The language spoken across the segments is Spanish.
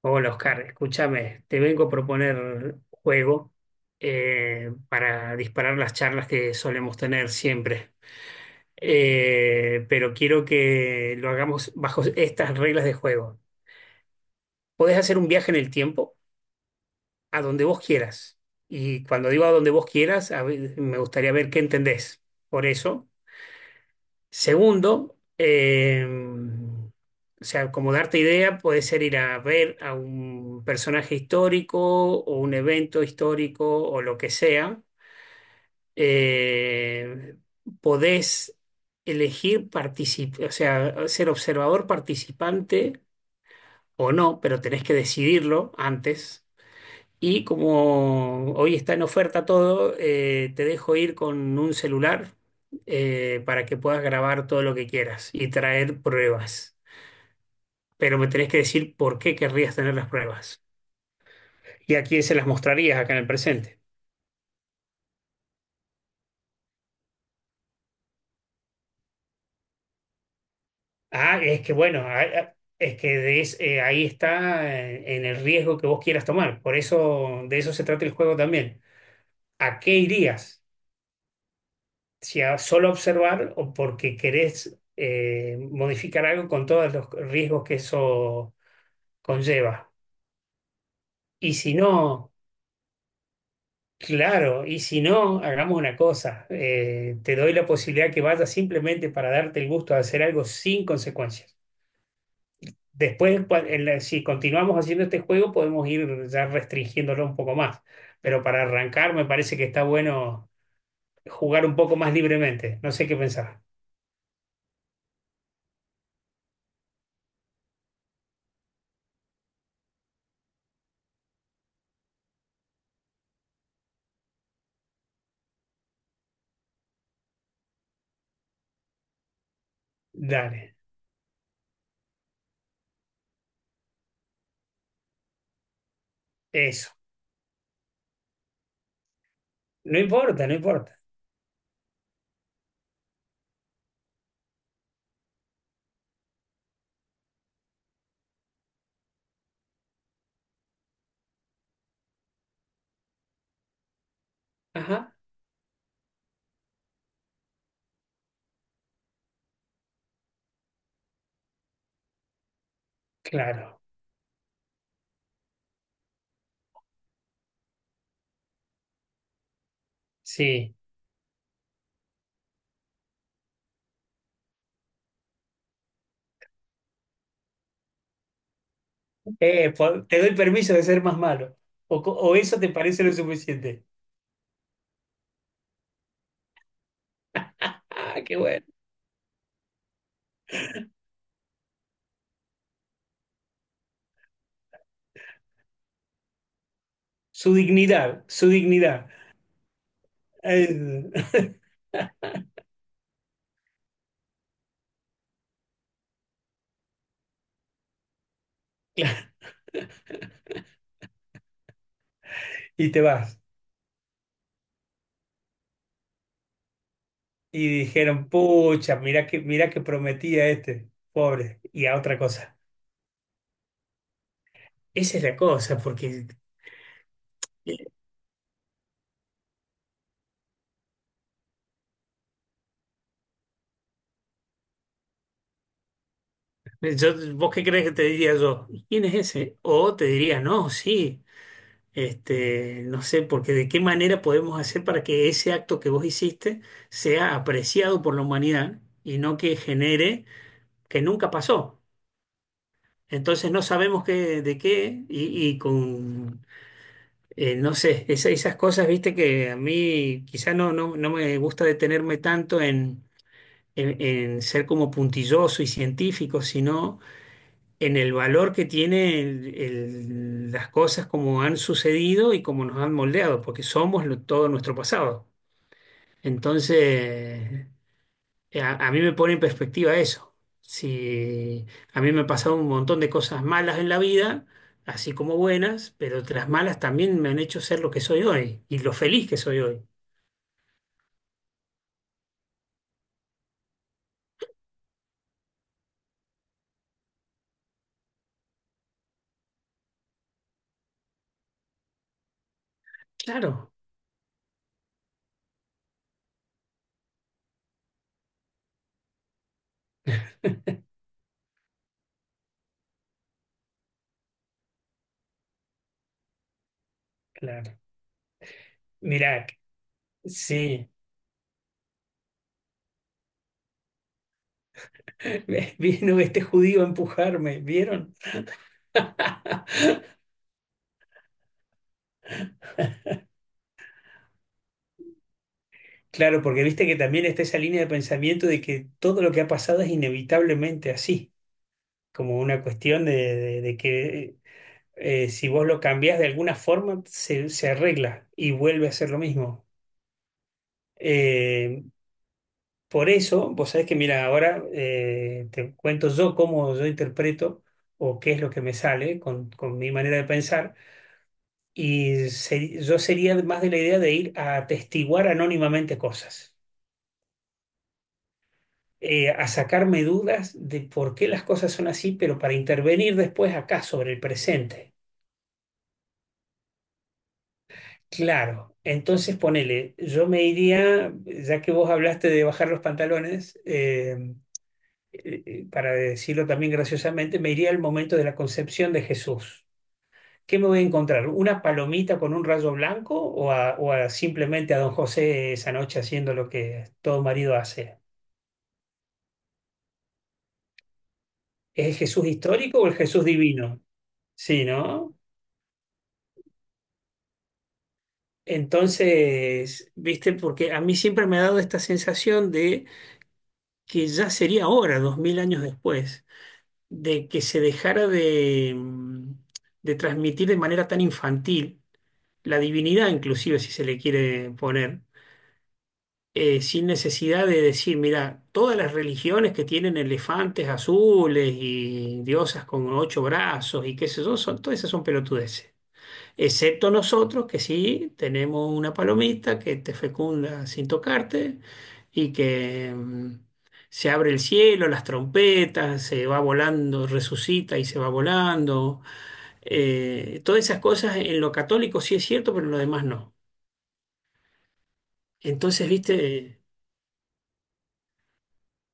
Hola Oscar, escúchame, te vengo a proponer un juego para disparar las charlas que solemos tener siempre. Pero quiero que lo hagamos bajo estas reglas de juego. Podés hacer un viaje en el tiempo a donde vos quieras, y cuando digo a donde vos quieras, a ver, me gustaría ver qué entendés por eso. Segundo, o sea, como darte idea, puede ser ir a ver a un personaje histórico o un evento histórico o lo que sea. Eh, Podés elegir participar, o sea, ser observador participante o no, pero tenés que decidirlo antes. Y como hoy está en oferta todo, te dejo ir con un celular para que puedas grabar todo lo que quieras y traer pruebas. Pero me tenés que decir por qué querrías tener las pruebas y a quién se las mostrarías acá en el presente. Ah, es que bueno, ah, ah, es que de es- ahí está, en el riesgo que vos quieras tomar. Por eso, de eso se trata el juego también. ¿A qué irías? ¿Si a solo observar o porque querés modificar algo con todos los riesgos que eso conlleva? Y si no, claro, y si no, hagamos una cosa. Te doy la posibilidad que vayas simplemente para darte el gusto de hacer algo sin consecuencias. Después, si continuamos haciendo este juego, podemos ir ya restringiéndolo un poco más. Pero para arrancar, me parece que está bueno jugar un poco más libremente. No sé qué pensar. Dale, eso. No importa, no importa. Ajá, claro, sí. Te doy permiso de ser más malo. O, o eso te parece lo suficiente. Ah, qué bueno. Su dignidad, su dignidad. Eh, claro. Y te vas. Y dijeron, pucha, mirá que, prometía este, pobre. Y a otra cosa. Esa es la cosa, porque vos qué crees que te diría yo? ¿Quién es ese? O te diría, no, sí. Este, no sé, porque de qué manera podemos hacer para que ese acto que vos hiciste sea apreciado por la humanidad y no que genere que nunca pasó. Entonces no sabemos qué, de qué no sé, esas cosas, viste, que a mí quizá no me gusta detenerme tanto en, en ser como puntilloso y científico, sino en el valor que tiene las cosas como han sucedido y como nos han moldeado, porque somos todo nuestro pasado. Entonces, a mí me pone en perspectiva eso. Si a mí me han pasado un montón de cosas malas en la vida, así como buenas, pero las malas también me han hecho ser lo que soy hoy y lo feliz que soy hoy. Claro, claro. Mirá, sí, vino este judío a empujarme, ¿vieron? Claro, porque viste que también está esa línea de pensamiento de que todo lo que ha pasado es inevitablemente así, como una cuestión de, de que si vos lo cambiás de alguna forma, se arregla y vuelve a ser lo mismo. Eh, por eso, vos sabés que, mira, ahora te cuento yo cómo yo interpreto o qué es lo que me sale con, mi manera de pensar, y yo sería más de la idea de ir a atestiguar anónimamente cosas. A sacarme dudas de por qué las cosas son así, pero para intervenir después acá sobre el presente. Claro, entonces ponele, yo me iría, ya que vos hablaste de bajar los pantalones, para decirlo también graciosamente, me iría al momento de la concepción de Jesús. ¿Qué me voy a encontrar? ¿Una palomita con un rayo blanco o o a simplemente a don José esa noche haciendo lo que todo marido hace? ¿Es el Jesús histórico o el Jesús divino? Sí, ¿no? Entonces, viste, porque a mí siempre me ha dado esta sensación de que ya sería hora, 2000 años después, de que se dejara de, de transmitir de manera tan infantil la divinidad, inclusive si se le quiere poner, sin necesidad de decir, mira, todas las religiones que tienen elefantes azules y diosas con ocho brazos y qué sé yo, todas esas son pelotudeces. Excepto nosotros que sí tenemos una palomita que te fecunda sin tocarte y que se abre el cielo, las trompetas, se va volando, resucita y se va volando. Todas esas cosas en lo católico sí es cierto, pero en lo demás no. Entonces, viste,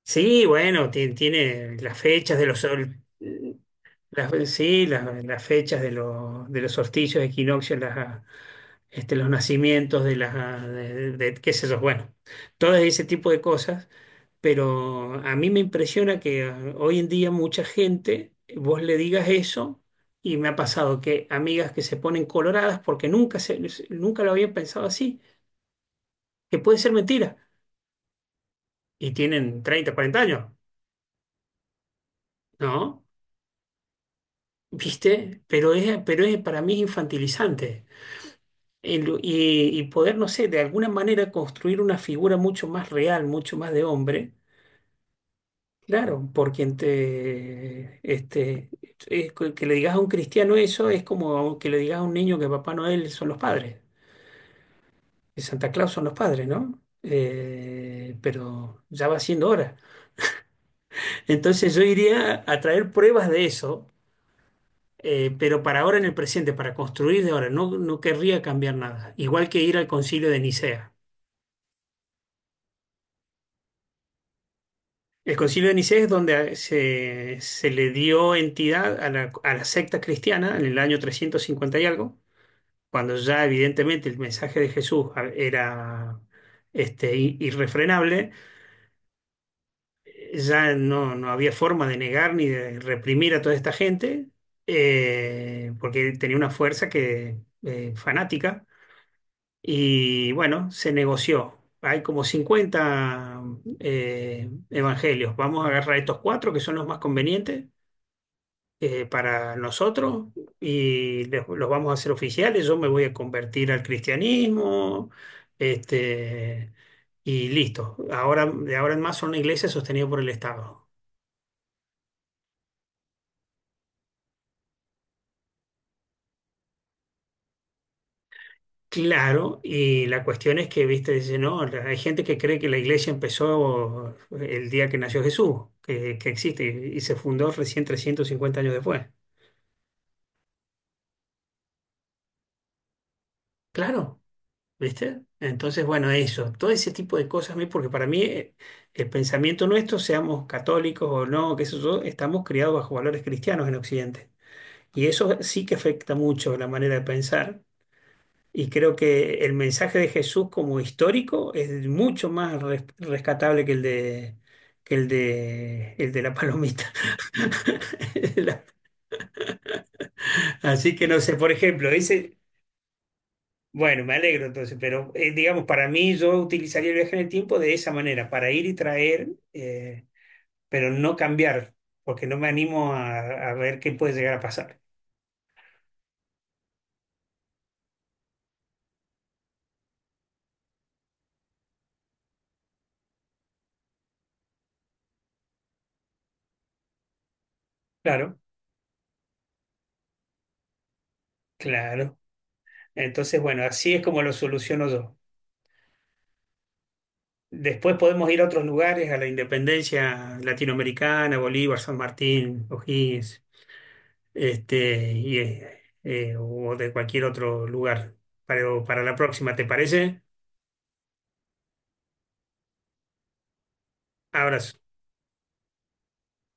sí, bueno, las fechas de las, sí, las fechas de los solsticios, equinoccios, las, este, los nacimientos de las, de, qué sé yo, bueno, todo ese tipo de cosas, pero a mí me impresiona que hoy en día mucha gente, vos le digas eso, y me ha pasado que amigas que se ponen coloradas porque nunca lo habían pensado así, que puede ser mentira, y tienen 30 40 años, ¿no? ¿Viste? Pero es, para mí es infantilizante. Y, poder, no sé, de alguna manera construir una figura mucho más real, mucho más de hombre. Claro, por quien te, este, es que le digas a un cristiano eso es como que le digas a un niño que Papá Noel son los padres, que Santa Claus son los padres, ¿no? Pero ya va siendo hora. Entonces yo iría a traer pruebas de eso, pero para ahora en el presente, para construir de ahora, no querría cambiar nada. Igual que ir al Concilio de Nicea. El Concilio de Nicea es donde se le dio entidad a la secta cristiana en el año 350 y algo cuando ya evidentemente el mensaje de Jesús era este, irrefrenable, ya no había forma de negar ni de reprimir a toda esta gente, porque tenía una fuerza que, fanática, y bueno, se negoció. Hay como 50 evangelios. Vamos a agarrar estos cuatro que son los más convenientes para nosotros y los vamos a hacer oficiales. Yo me voy a convertir al cristianismo, este, y listo. Ahora, de ahora en más son una iglesia sostenida por el Estado. Claro, y la cuestión es que, viste, dice, no, hay gente que cree que la iglesia empezó el día que nació Jesús, que existe y, se fundó recién 350 años después. Claro, ¿viste? Entonces, bueno, eso, todo ese tipo de cosas a mí, porque para mí el pensamiento nuestro, seamos católicos o no, que eso yo, estamos criados bajo valores cristianos en Occidente. Y eso sí que afecta mucho la manera de pensar. Y creo que el mensaje de Jesús como histórico es mucho más rescatable que el de, el de la palomita. La- Así que no sé, por ejemplo, ese. Bueno, me alegro entonces, pero digamos, para mí yo utilizaría el viaje en el tiempo de esa manera, para ir y traer, pero no cambiar, porque no me animo a ver qué puede llegar a pasar. Claro, claro. Entonces, bueno, así es como lo soluciono yo. Después podemos ir a otros lugares, a la Independencia Latinoamericana, Bolívar, San Martín, O'Higgins, este, y, o de cualquier otro lugar. Pero para la próxima, ¿te parece? Abrazo.